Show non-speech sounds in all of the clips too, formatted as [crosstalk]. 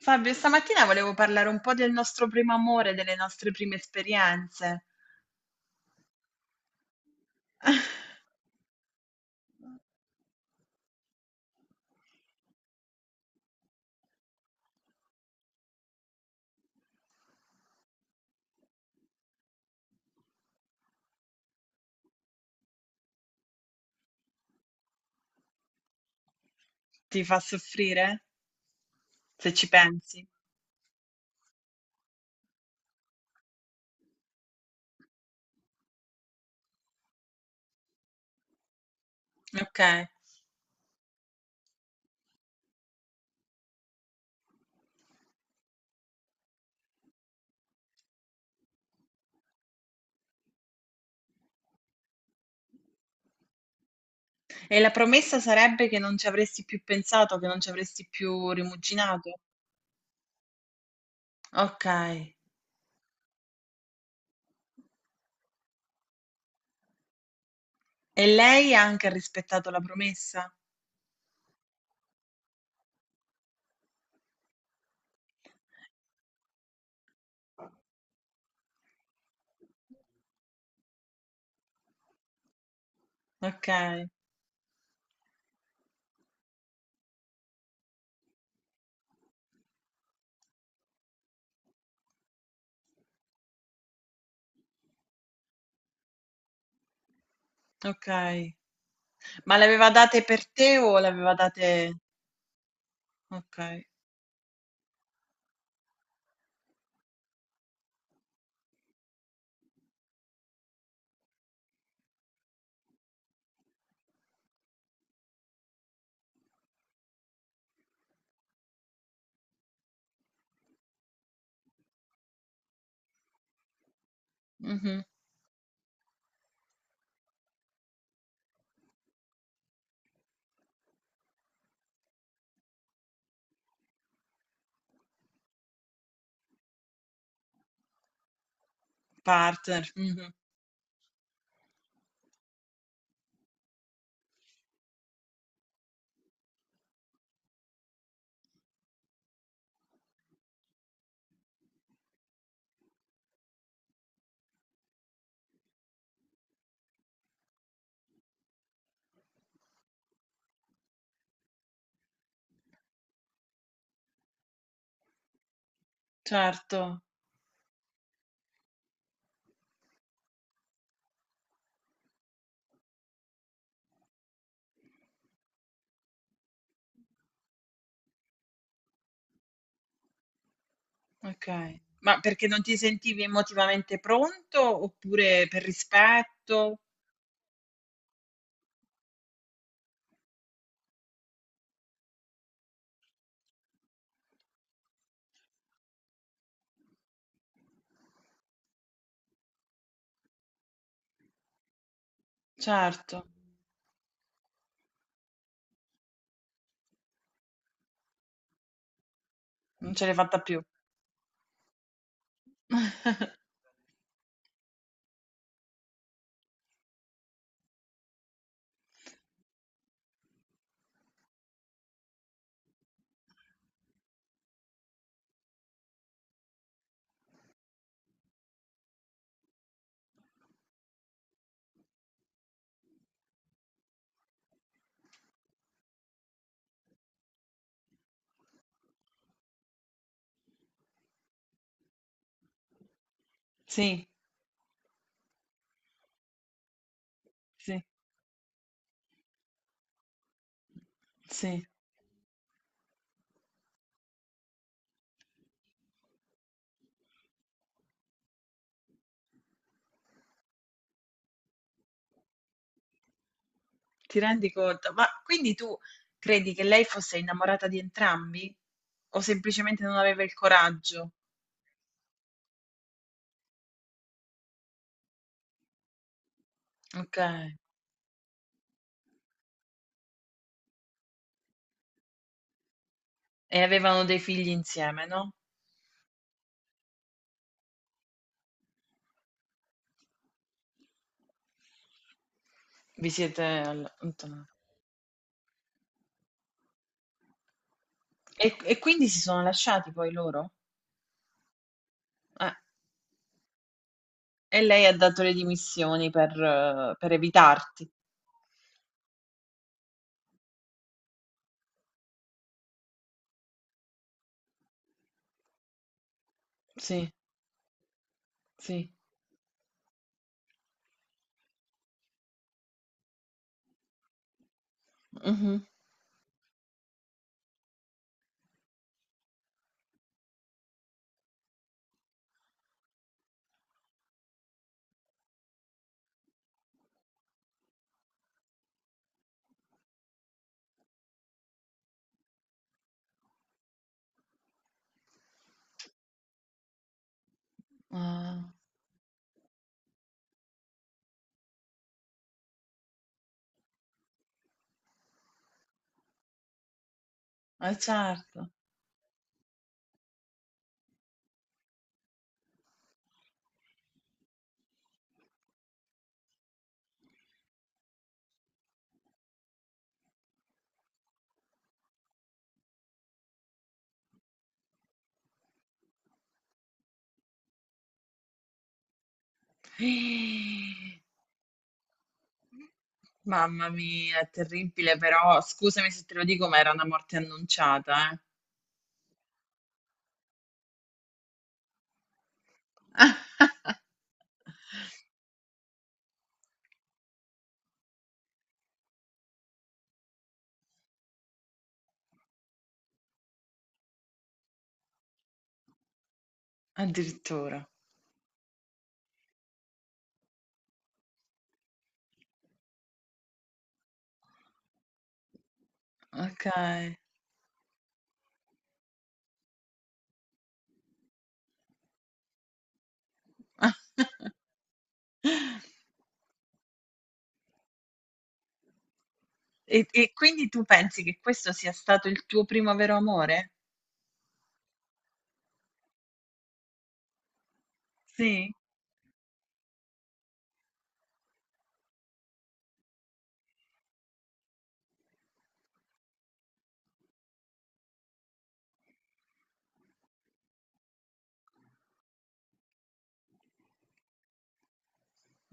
Fabio, stamattina volevo parlare un po' del nostro primo amore, delle nostre prime esperienze. [laughs] Ti fa soffrire? Se ci pensi. Ok. E la promessa sarebbe che non ci avresti più pensato, che non ci avresti più rimuginato? Ok. E lei ha anche rispettato la promessa? Ok, ok. Ma le aveva date per te o le aveva date... Ok. Mhm. Partner. Mhm. Certo. Okay. Ma perché non ti sentivi emotivamente pronto, oppure per rispetto? Certo, non ce l'hai fatta più. [laughs] Sì, sì, sì, ti rendi conto? Ma quindi tu credi che lei fosse innamorata di entrambi? O semplicemente non aveva il coraggio? Okay. E avevano dei figli insieme, no? Vi siete allontanati. E quindi si sono lasciati poi loro? Eh. E lei ha dato le dimissioni per evitarti. Sì, sì. Mh-mh. Ah. Eh, certo. [gasps] Mamma mia, è terribile, però scusami se te lo dico, ma era una morte annunciata, eh. [laughs] Addirittura. Okay. [laughs] E quindi tu pensi che questo sia stato il tuo primo vero amore? Sì?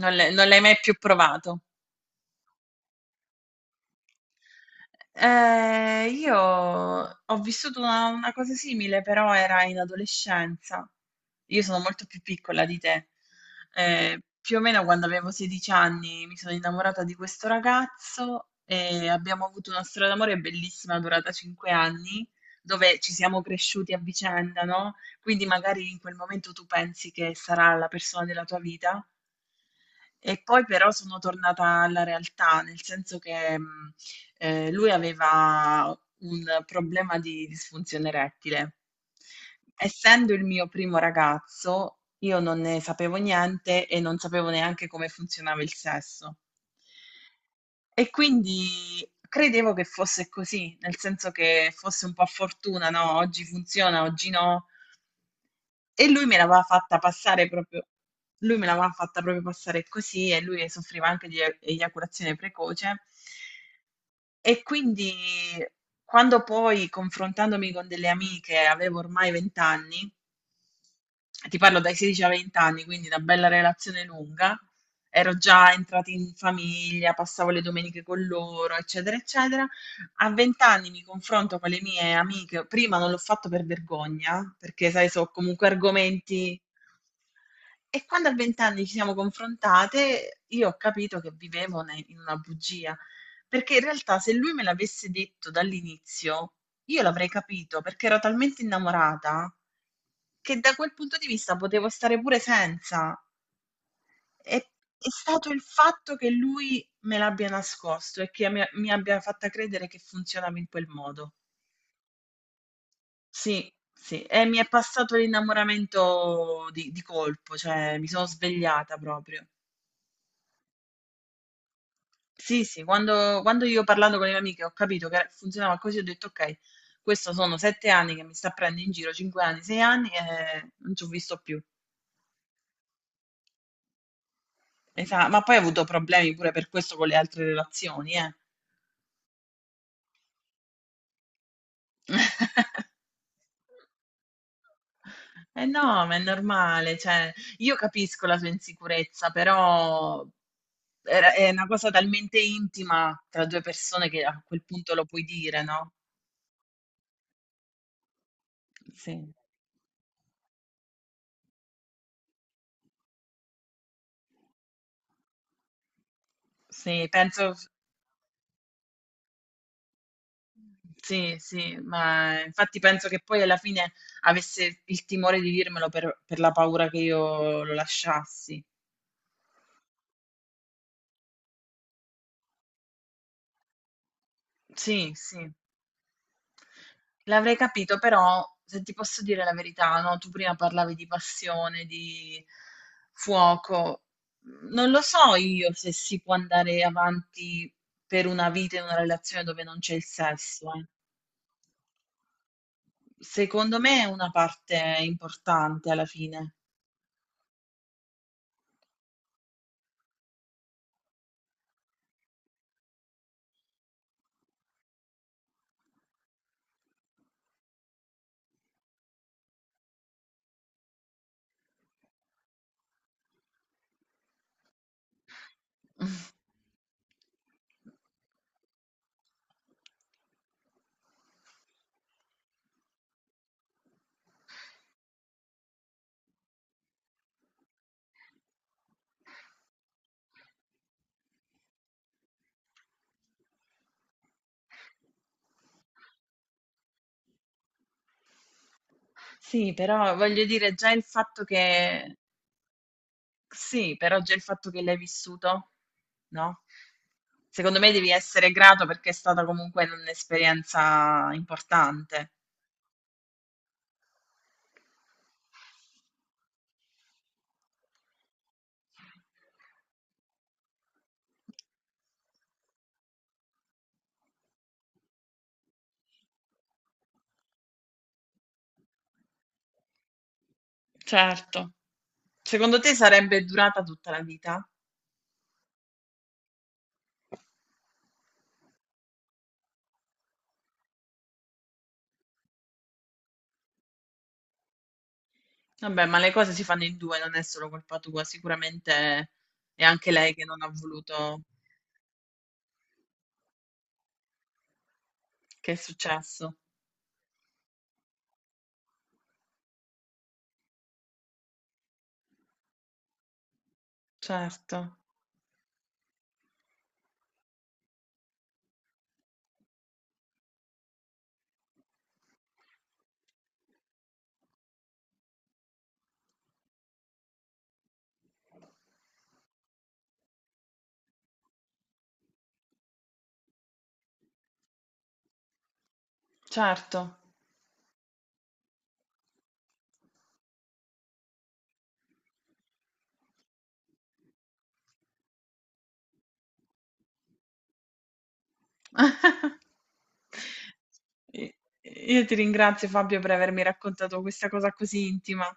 Non l'hai mai più provato? Io ho vissuto una cosa simile, però era in adolescenza. Io sono molto più piccola di te. Più o meno quando avevo 16 anni mi sono innamorata di questo ragazzo e abbiamo avuto una storia d'amore bellissima durata 5 anni, dove ci siamo cresciuti a vicenda, no? Quindi magari in quel momento tu pensi che sarà la persona della tua vita. E poi però sono tornata alla realtà, nel senso che lui aveva un problema di disfunzione erettile. Essendo il mio primo ragazzo, io non ne sapevo niente e non sapevo neanche come funzionava il sesso. E quindi credevo che fosse così, nel senso che fosse un po' a fortuna, no? Oggi funziona, oggi no. E lui me l'aveva fatta proprio passare così e lui soffriva anche di eiaculazione precoce. E quindi quando poi, confrontandomi con delle amiche, avevo ormai 20 anni, ti parlo dai 16 ai 20 anni, quindi una bella relazione lunga, ero già entrata in famiglia, passavo le domeniche con loro, eccetera, eccetera. A 20 anni mi confronto con le mie amiche, prima non l'ho fatto per vergogna, perché sai, so comunque argomenti, e quando a 20 anni ci siamo confrontate, io ho capito che vivevo in una bugia, perché in realtà se lui me l'avesse detto dall'inizio, io l'avrei capito, perché ero talmente innamorata che da quel punto di vista potevo stare pure senza. E è stato il fatto che lui me l'abbia nascosto e che mi abbia fatta credere che funzionava in quel modo. Sì, sì, e mi è passato l'innamoramento di colpo, cioè mi sono svegliata proprio. Sì, sì, quando, quando io parlando con le mie amiche ho capito che funzionava così, ho detto ok, questo sono 7 anni che mi sta prendendo in giro, 5 anni, 6 anni, e non ci ho visto più. Ma poi ho avuto problemi pure per questo con le altre relazioni, eh. [laughs] Eh no, ma è normale, cioè, io capisco la sua insicurezza, però è una cosa talmente intima tra due persone che a quel punto lo puoi dire, no? Sì, sì, penso Sì, sì, ma infatti penso che poi alla fine avesse il timore di dirmelo per la paura che io lo lasciassi. Sì, sì, l'avrei capito, però se ti posso dire la verità, no? Tu prima parlavi di passione, di fuoco. Non lo so io se si può andare avanti per una vita in una relazione dove non c'è il sesso, eh. Secondo me è una parte importante alla fine. [laughs] Sì, però voglio dire già il fatto che... Sì, però già il fatto che l'hai vissuto, no? Secondo me devi essere grato perché è stata comunque un'esperienza importante. Certo. Secondo te sarebbe durata tutta la vita? Vabbè, ma le cose si fanno in due, non è solo colpa tua, sicuramente è anche lei che non ha voluto, che è successo. Certo, certo. [laughs] I io ti ringrazio, Fabio, per avermi raccontato questa cosa così intima.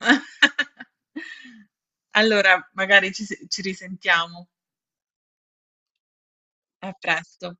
[laughs] Allora, magari ci se ci risentiamo. A presto.